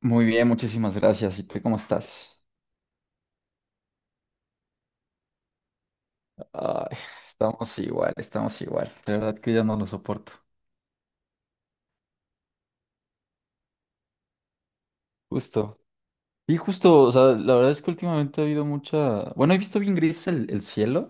Muy bien, muchísimas gracias. ¿Y tú cómo estás? Ay, estamos igual, estamos igual. De verdad que ya no lo soporto. Justo. Y justo, o sea, la verdad es que últimamente ha habido mucha... Bueno, he visto bien gris el cielo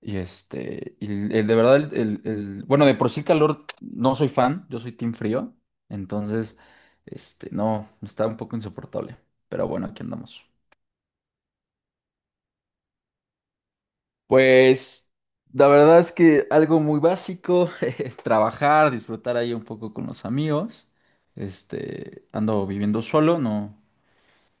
y y de verdad, Bueno, de por sí el calor no soy fan, yo soy team frío, entonces, no, está un poco insoportable, pero bueno, aquí andamos. Pues la verdad es que algo muy básico es trabajar, disfrutar ahí un poco con los amigos. Ando viviendo solo, no,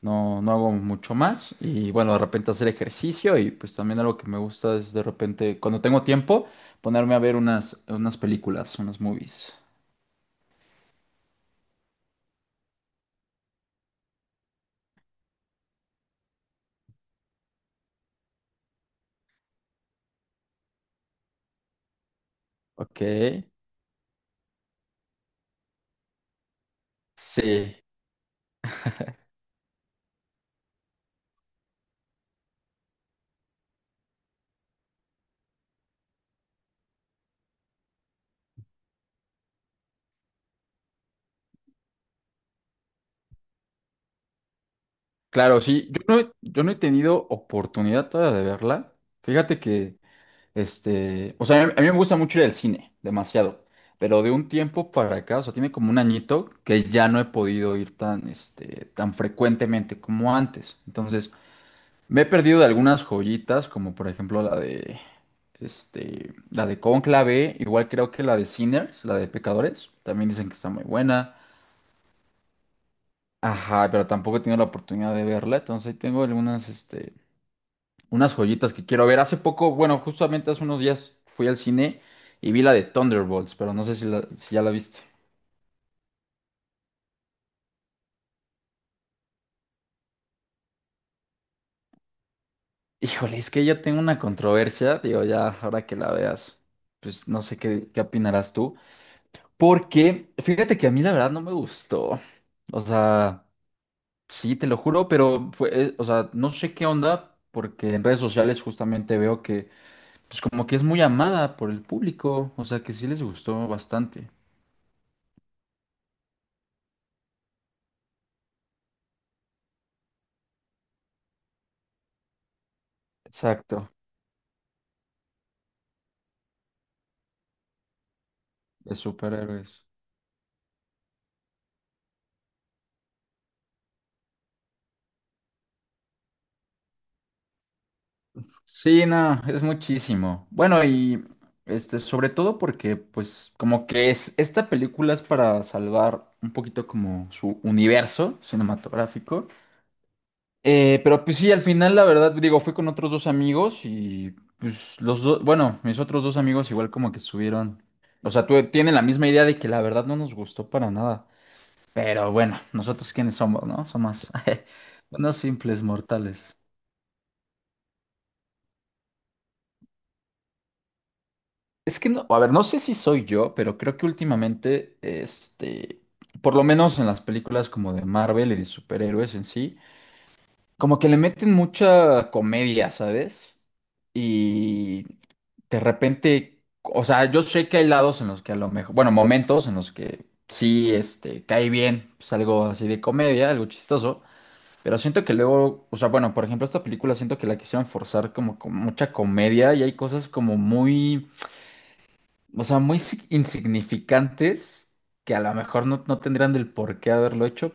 no hago mucho más. Y bueno, de repente hacer ejercicio y pues también algo que me gusta es de repente, cuando tengo tiempo, ponerme a ver unas películas, unas movies. Ok. Sí, claro, sí. Yo no he tenido oportunidad todavía de verla. Fíjate que o sea, a mí me gusta mucho ir al cine, demasiado. Pero de un tiempo para acá, o sea, tiene como un añito que ya no he podido ir tan, tan frecuentemente como antes. Entonces, me he perdido de algunas joyitas, como por ejemplo la de Cónclave, igual creo que la de Sinners, la de Pecadores, también dicen que está muy buena. Ajá, pero tampoco he tenido la oportunidad de verla, entonces ahí tengo algunas, unas joyitas que quiero ver. Hace poco, bueno, justamente hace unos días fui al cine y vi la de Thunderbolts, pero no sé si, si ya la viste. Híjole, es que yo tengo una controversia, digo, ya ahora que la veas, pues no sé qué, qué opinarás tú, porque fíjate que a mí la verdad no me gustó. O sea, sí, te lo juro, pero fue, o sea, no sé qué onda, porque en redes sociales justamente veo que, pues como que es muy amada por el público, o sea, que sí les gustó bastante. Exacto, de superhéroes. Sí, no, es muchísimo. Bueno, y sobre todo porque, pues, esta película es para salvar un poquito como su universo cinematográfico. Pero pues sí, al final, la verdad, digo, fui con otros dos amigos y pues los dos, bueno, mis otros dos amigos igual como que subieron. O sea, tú tienen la misma idea de que la verdad no nos gustó para nada. Pero bueno, nosotros quiénes somos, ¿no? Somos unos simples mortales. Es que no, a ver, no sé si soy yo, pero creo que últimamente, por lo menos en las películas como de Marvel y de superhéroes en sí, como que le meten mucha comedia, ¿sabes? Y de repente, o sea, yo sé que hay lados en los que a lo mejor, bueno, momentos en los que sí, cae bien, pues algo así de comedia, algo chistoso, pero siento que luego, o sea, bueno, por ejemplo, esta película siento que la quisieron forzar como con mucha comedia y hay cosas como muy o sea, muy insignificantes que a lo mejor no, no tendrían del por qué haberlo hecho.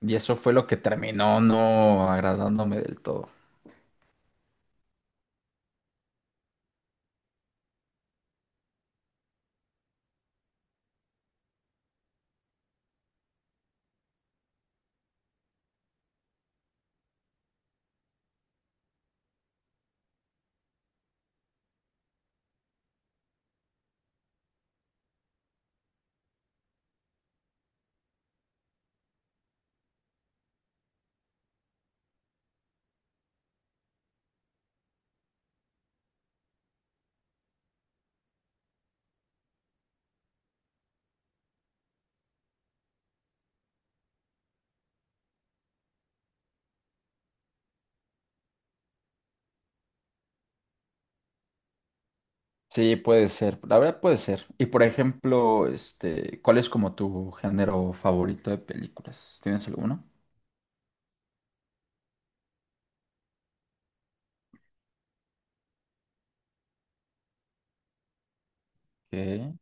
Y eso fue lo que terminó no agradándome del todo. Sí, puede ser. La verdad puede ser. Y por ejemplo, ¿cuál es como tu género favorito de películas? ¿Tienes alguno? Ok,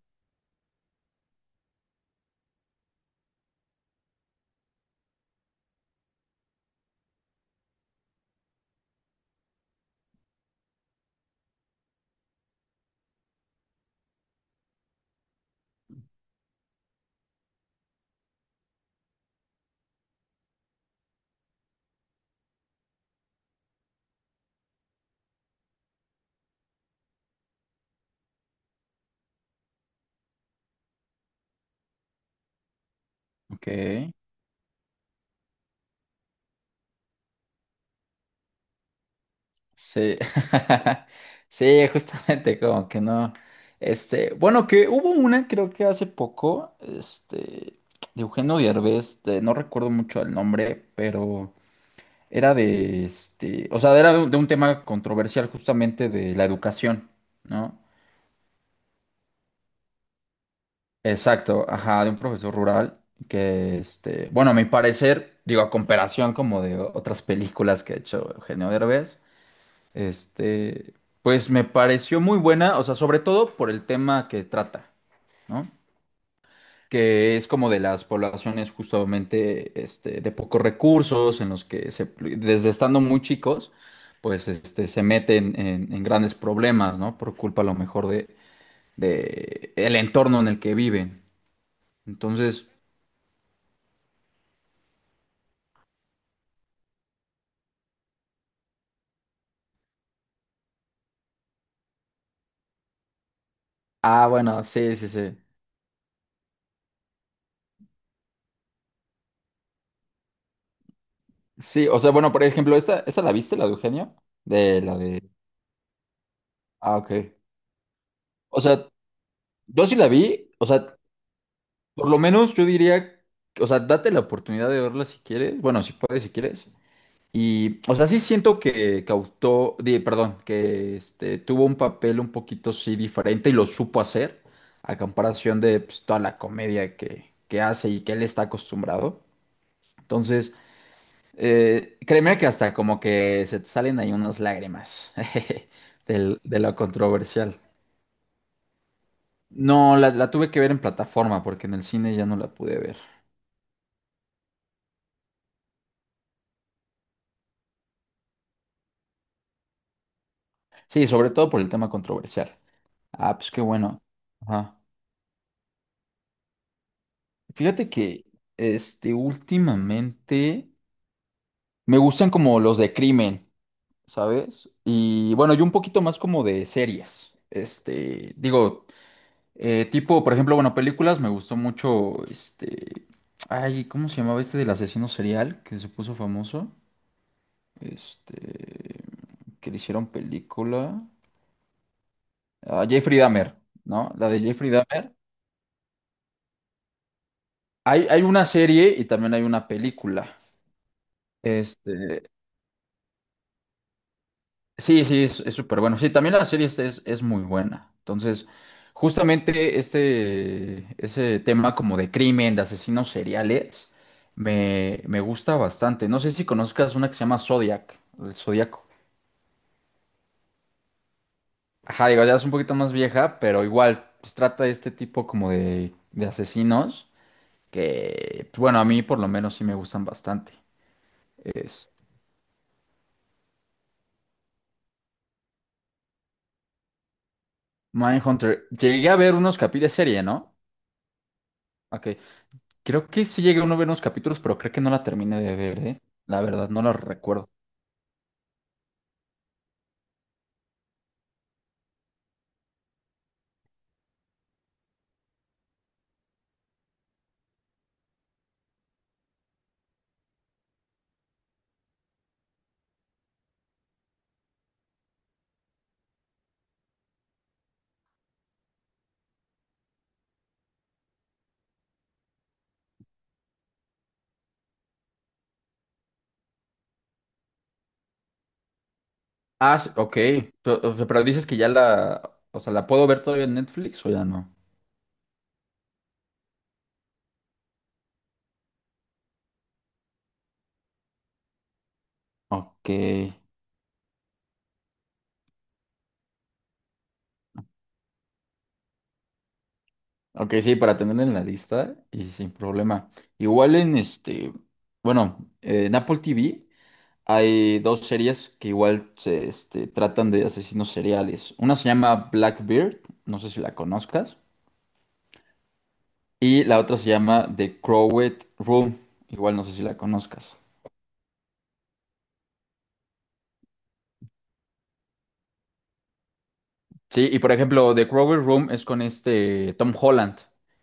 ok. Sí, sí, justamente como que no. Bueno, que hubo una, creo que hace poco, de Eugenio Derbez, no recuerdo mucho el nombre, pero era de, o sea, era de un tema controversial justamente de la educación, ¿no? Exacto, ajá, de un profesor rural que, bueno, a mi parecer, digo, a comparación como de otras películas que ha hecho Eugenio Derbez. Este, pues me pareció muy buena, o sea, sobre todo por el tema que trata, ¿no? Que es como de las poblaciones justamente de pocos recursos, en los que desde estando muy chicos, pues se meten en grandes problemas, ¿no? Por culpa a lo mejor de el entorno en el que viven. Entonces, ah, bueno, sí, sí, sí. Sí, o sea, bueno, por ejemplo, esta, ¿esta la viste, la de Eugenio? De la de. Ah, ok. O sea, yo sí la vi, o sea, por lo menos yo diría, o sea, date la oportunidad de verla si quieres, bueno, si puedes, si quieres. Y, o sea, sí siento que cautó, perdón, que tuvo un papel un poquito sí diferente y lo supo hacer a comparación de pues, toda la comedia que hace y que él está acostumbrado. Entonces, créeme que hasta como que se te salen ahí unas lágrimas jeje, de lo controversial. No, la tuve que ver en plataforma porque en el cine ya no la pude ver. Sí, sobre todo por el tema controversial. Ah, pues qué bueno. Ajá. Fíjate que últimamente me gustan como los de crimen, ¿sabes? Y bueno, yo un poquito más como de series. Digo, tipo, por ejemplo, bueno, películas me gustó mucho ay, ¿cómo se llamaba este del asesino serial que se puso famoso? Este, que le hicieron película. Ah, Jeffrey Dahmer, ¿no? La de Jeffrey Dahmer. Hay una serie y también hay una película. Este, sí, sí, es súper bueno. Sí, también la serie es muy buena. Entonces, justamente ese tema como de crimen, de asesinos seriales, me gusta bastante. No sé si conozcas una que se llama Zodiac, el Zodíaco. Ajá, digo, ya es un poquito más vieja, pero igual, pues trata de este tipo como de asesinos que, pues, bueno, a mí por lo menos sí me gustan bastante. Mindhunter. Llegué a ver unos capítulos de serie, ¿no? Ok. Creo que sí llegué a uno ver unos capítulos, pero creo que no la terminé de ver, ¿eh? La verdad, no la recuerdo. Ah, sí, ok. Pero, o sea, pero dices que ya la. O sea, ¿la puedo ver todavía en Netflix o ya no? Ok. Ok, sí, para tenerla en la lista y sin problema. Igual en este. Bueno, en Apple TV hay dos series que igual se tratan de asesinos seriales. Una se llama Blackbeard, no sé si la conozcas. Y la otra se llama The Crowded Room. Igual no sé si la conozcas. Sí, y por ejemplo, The Crowded Room es con este Tom Holland.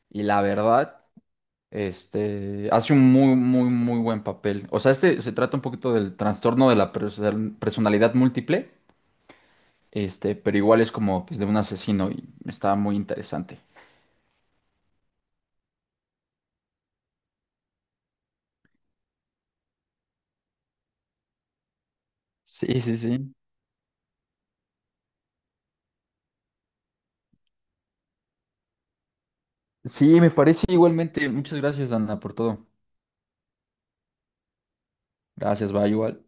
Y la verdad, este hace un muy buen papel. O sea, este se trata un poquito del trastorno de la personalidad múltiple. Pero igual es como pues, de un asesino y está muy interesante. Sí, sí, sí. Sí, me parece igualmente. Muchas gracias, Ana, por todo. Gracias, va igual.